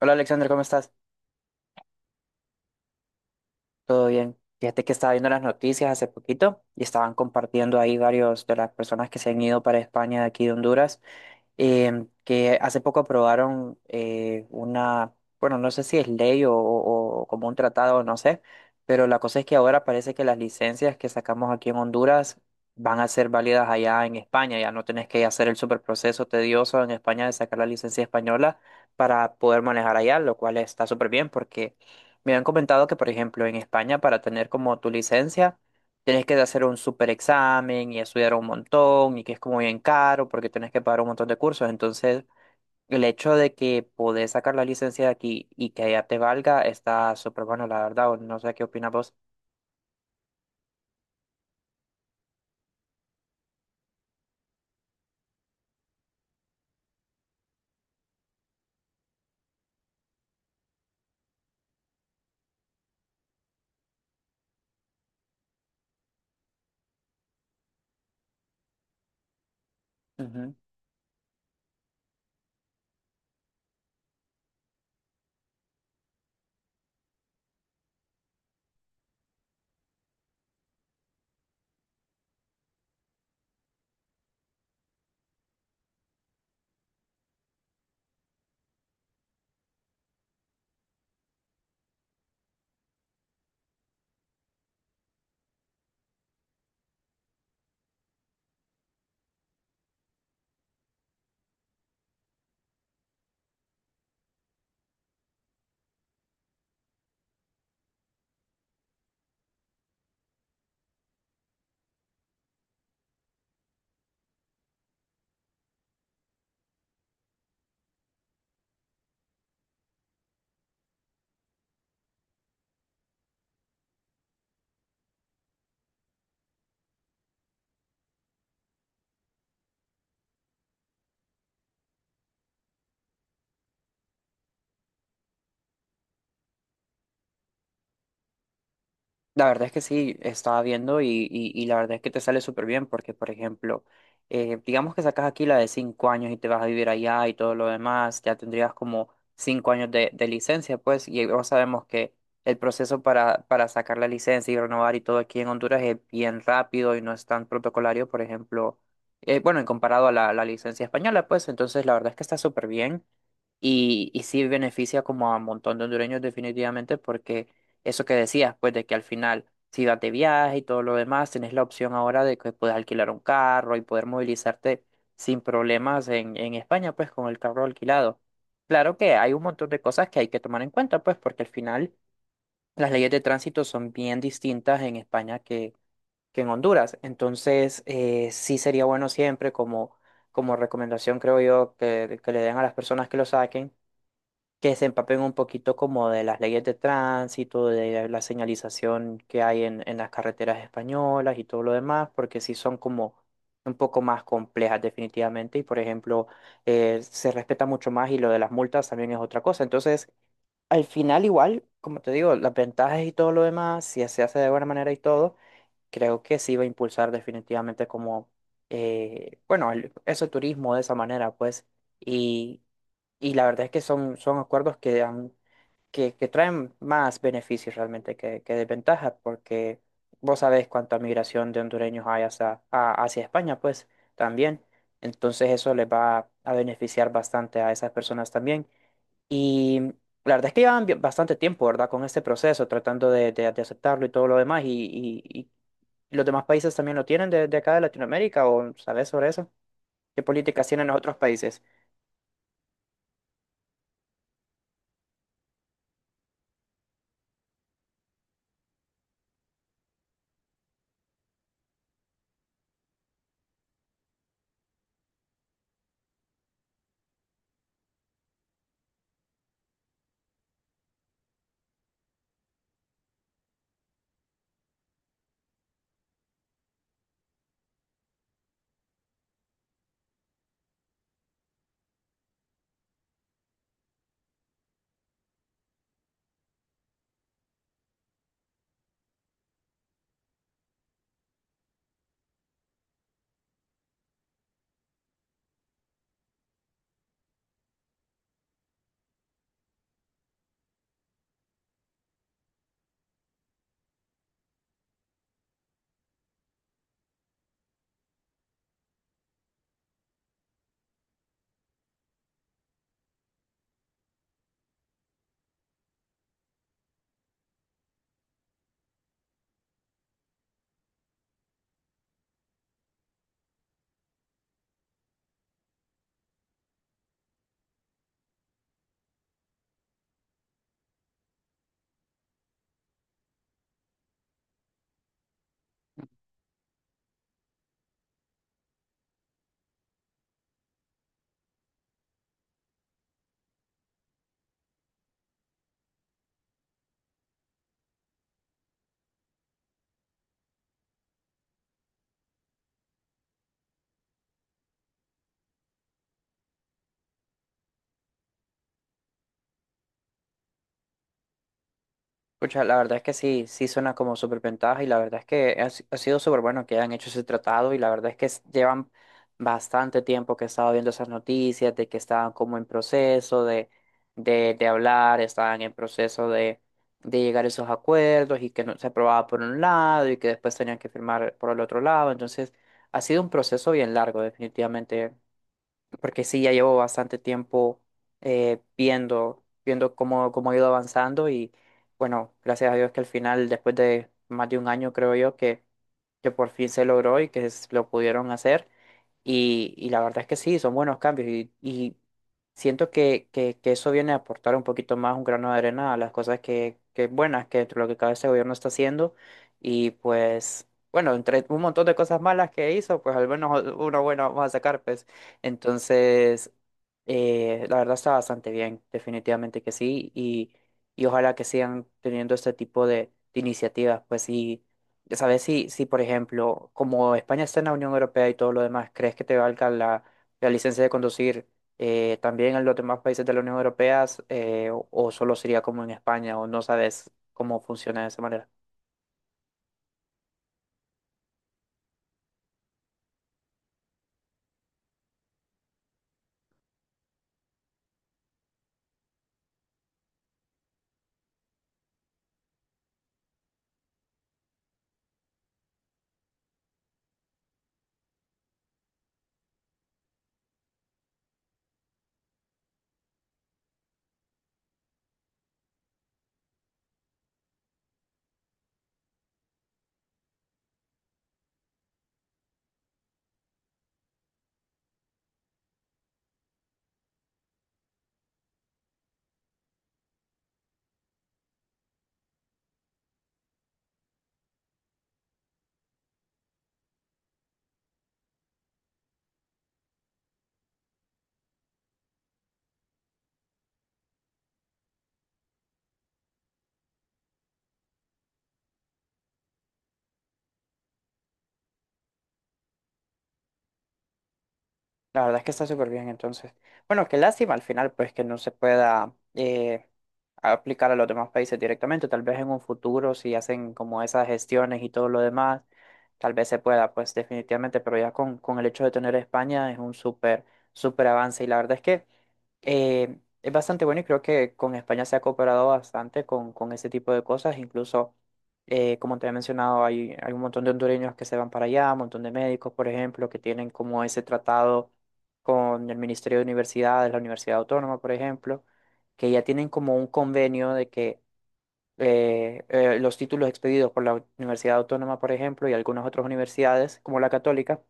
Hola Alexander, ¿cómo estás? ¿Todo bien? Fíjate que estaba viendo las noticias hace poquito y estaban compartiendo ahí varios de las personas que se han ido para España de aquí de Honduras, que hace poco aprobaron una, bueno, no sé si es ley o como un tratado, no sé, pero la cosa es que ahora parece que las licencias que sacamos aquí en Honduras van a ser válidas allá en España, ya no tenés que hacer el super proceso tedioso en España de sacar la licencia española para poder manejar allá, lo cual está súper bien porque me han comentado que, por ejemplo, en España para tener como tu licencia, tienes que hacer un super examen y estudiar un montón y que es como bien caro porque tienes que pagar un montón de cursos. Entonces, el hecho de que podés sacar la licencia de aquí y que ya te valga está súper bueno, la verdad. O No sé qué opinas vos. La verdad es que sí, estaba viendo y la verdad es que te sale súper bien porque, por ejemplo, digamos que sacas aquí la de 5 años y te vas a vivir allá y todo lo demás, ya tendrías como 5 años de licencia, pues, y ya sabemos que el proceso para sacar la licencia y renovar y todo aquí en Honduras es bien rápido y no es tan protocolario, por ejemplo, bueno, en comparado a la licencia española, pues, entonces la verdad es que está súper bien y sí beneficia como a un montón de hondureños definitivamente porque eso que decías, pues de que al final, si vas de viaje y todo lo demás, tenés la opción ahora de que puedes alquilar un carro y poder movilizarte sin problemas en España, pues con el carro alquilado. Claro que hay un montón de cosas que hay que tomar en cuenta, pues porque al final las leyes de tránsito son bien distintas en España que en Honduras. Entonces, sí sería bueno siempre como, como recomendación, creo yo, que le den a las personas que lo saquen que se empapen un poquito como de las leyes de tránsito, de la señalización que hay en las carreteras españolas y todo lo demás, porque sí son como un poco más complejas definitivamente y por ejemplo se respeta mucho más y lo de las multas también es otra cosa. Entonces, al final igual, como te digo, las ventajas y todo lo demás, si se hace de buena manera y todo, creo que sí va a impulsar definitivamente como, bueno, ese turismo de esa manera, pues, y... Y la verdad es que son, son acuerdos que traen más beneficios realmente que desventajas, porque vos sabés cuánta migración de hondureños hay hacia España, pues también. Entonces eso les va a beneficiar bastante a esas personas también. Y la verdad es que llevan bastante tiempo, ¿verdad? Con este proceso, tratando de aceptarlo y todo lo demás. Y, y los demás países también lo tienen de acá de Latinoamérica, ¿o sabés sobre eso? ¿Qué políticas tienen los otros países? Pucha, la verdad es que sí, sí suena como súper ventaja y la verdad es que ha, si- ha sido súper bueno que hayan hecho ese tratado y la verdad es que llevan bastante tiempo que he estado viendo esas noticias de que estaban como en proceso de, de hablar, estaban en proceso de llegar a esos acuerdos y que no se aprobaba por un lado y que después tenían que firmar por el otro lado. Entonces, ha sido un proceso bien largo, definitivamente porque sí, ya llevo bastante tiempo viendo cómo ha ido avanzando y bueno, gracias a Dios que al final, después de más de un año, creo yo, que por fin se logró y que lo pudieron hacer. Y la verdad es que sí, son buenos cambios y siento que eso viene a aportar un poquito más, un grano de arena a las cosas que buenas, que lo que cada este gobierno está haciendo. Y pues, bueno, entre un montón de cosas malas que hizo, pues al menos una buena vamos a sacar, pues. Entonces, la verdad está bastante bien, definitivamente que sí, y ojalá que sigan teniendo este tipo de iniciativas, pues sí, ya sabes, si, si por ejemplo, como España está en la Unión Europea y todo lo demás, ¿crees que te valga la licencia de conducir también en los demás países de la Unión Europea, o solo sería como en España o no sabes cómo funciona de esa manera? La verdad es que está súper bien, entonces. Bueno, qué lástima al final, pues que no se pueda aplicar a los demás países directamente. Tal vez en un futuro, si hacen como esas gestiones y todo lo demás, tal vez se pueda, pues definitivamente, pero ya con el hecho de tener a España es un súper, súper avance. Y la verdad es que es bastante bueno y creo que con España se ha cooperado bastante con ese tipo de cosas. Incluso, como te he mencionado, hay un montón de hondureños que se van para allá, un montón de médicos, por ejemplo, que tienen como ese tratado con el Ministerio de Universidades, la Universidad Autónoma, por ejemplo, que ya tienen como un convenio de que los títulos expedidos por la Universidad Autónoma, por ejemplo, y algunas otras universidades, como la Católica,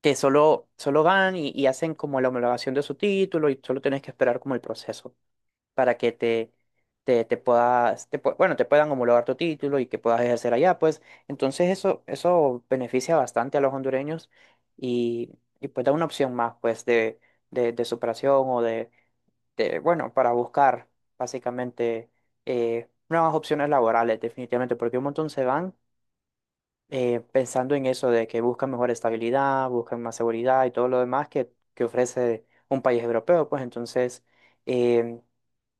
solo van y hacen como la homologación de su título y solo tienes que esperar como el proceso para que te puedas, bueno, te puedan homologar tu título y que puedas ejercer allá, pues entonces eso beneficia bastante a los hondureños y, y pues da una opción más, pues, de, de superación o de, bueno, para buscar básicamente nuevas opciones laborales, definitivamente, porque un montón se van pensando en eso de que buscan mejor estabilidad, buscan más seguridad y todo lo demás que ofrece un país europeo, pues entonces, eh,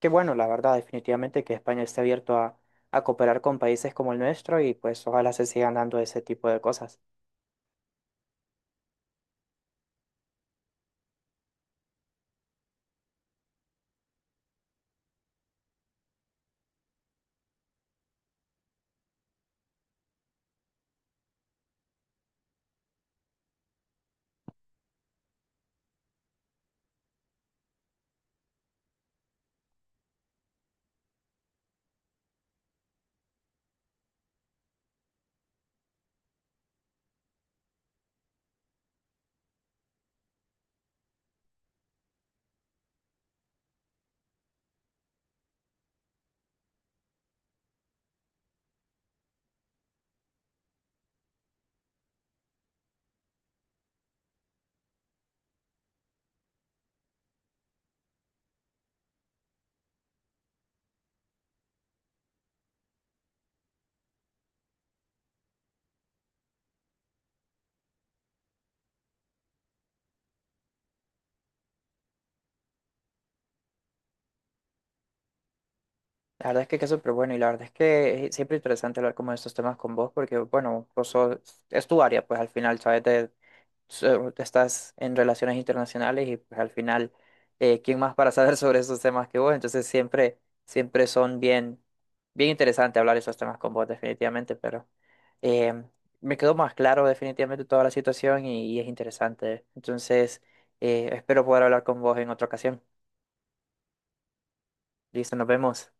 qué bueno, la verdad, definitivamente que España esté abierto a cooperar con países como el nuestro y pues ojalá se sigan dando ese tipo de cosas. La verdad es que es súper bueno y la verdad es que es siempre interesante hablar como de estos temas con vos porque, bueno, es tu área, pues al final, ¿sabes? De estás en relaciones internacionales y pues al final, ¿quién más para saber sobre esos temas que vos? Entonces siempre, siempre son bien, bien interesante hablar esos temas con vos definitivamente, pero eh, me quedó más claro definitivamente toda la situación y es interesante. Entonces, espero poder hablar con vos en otra ocasión. Listo, nos vemos.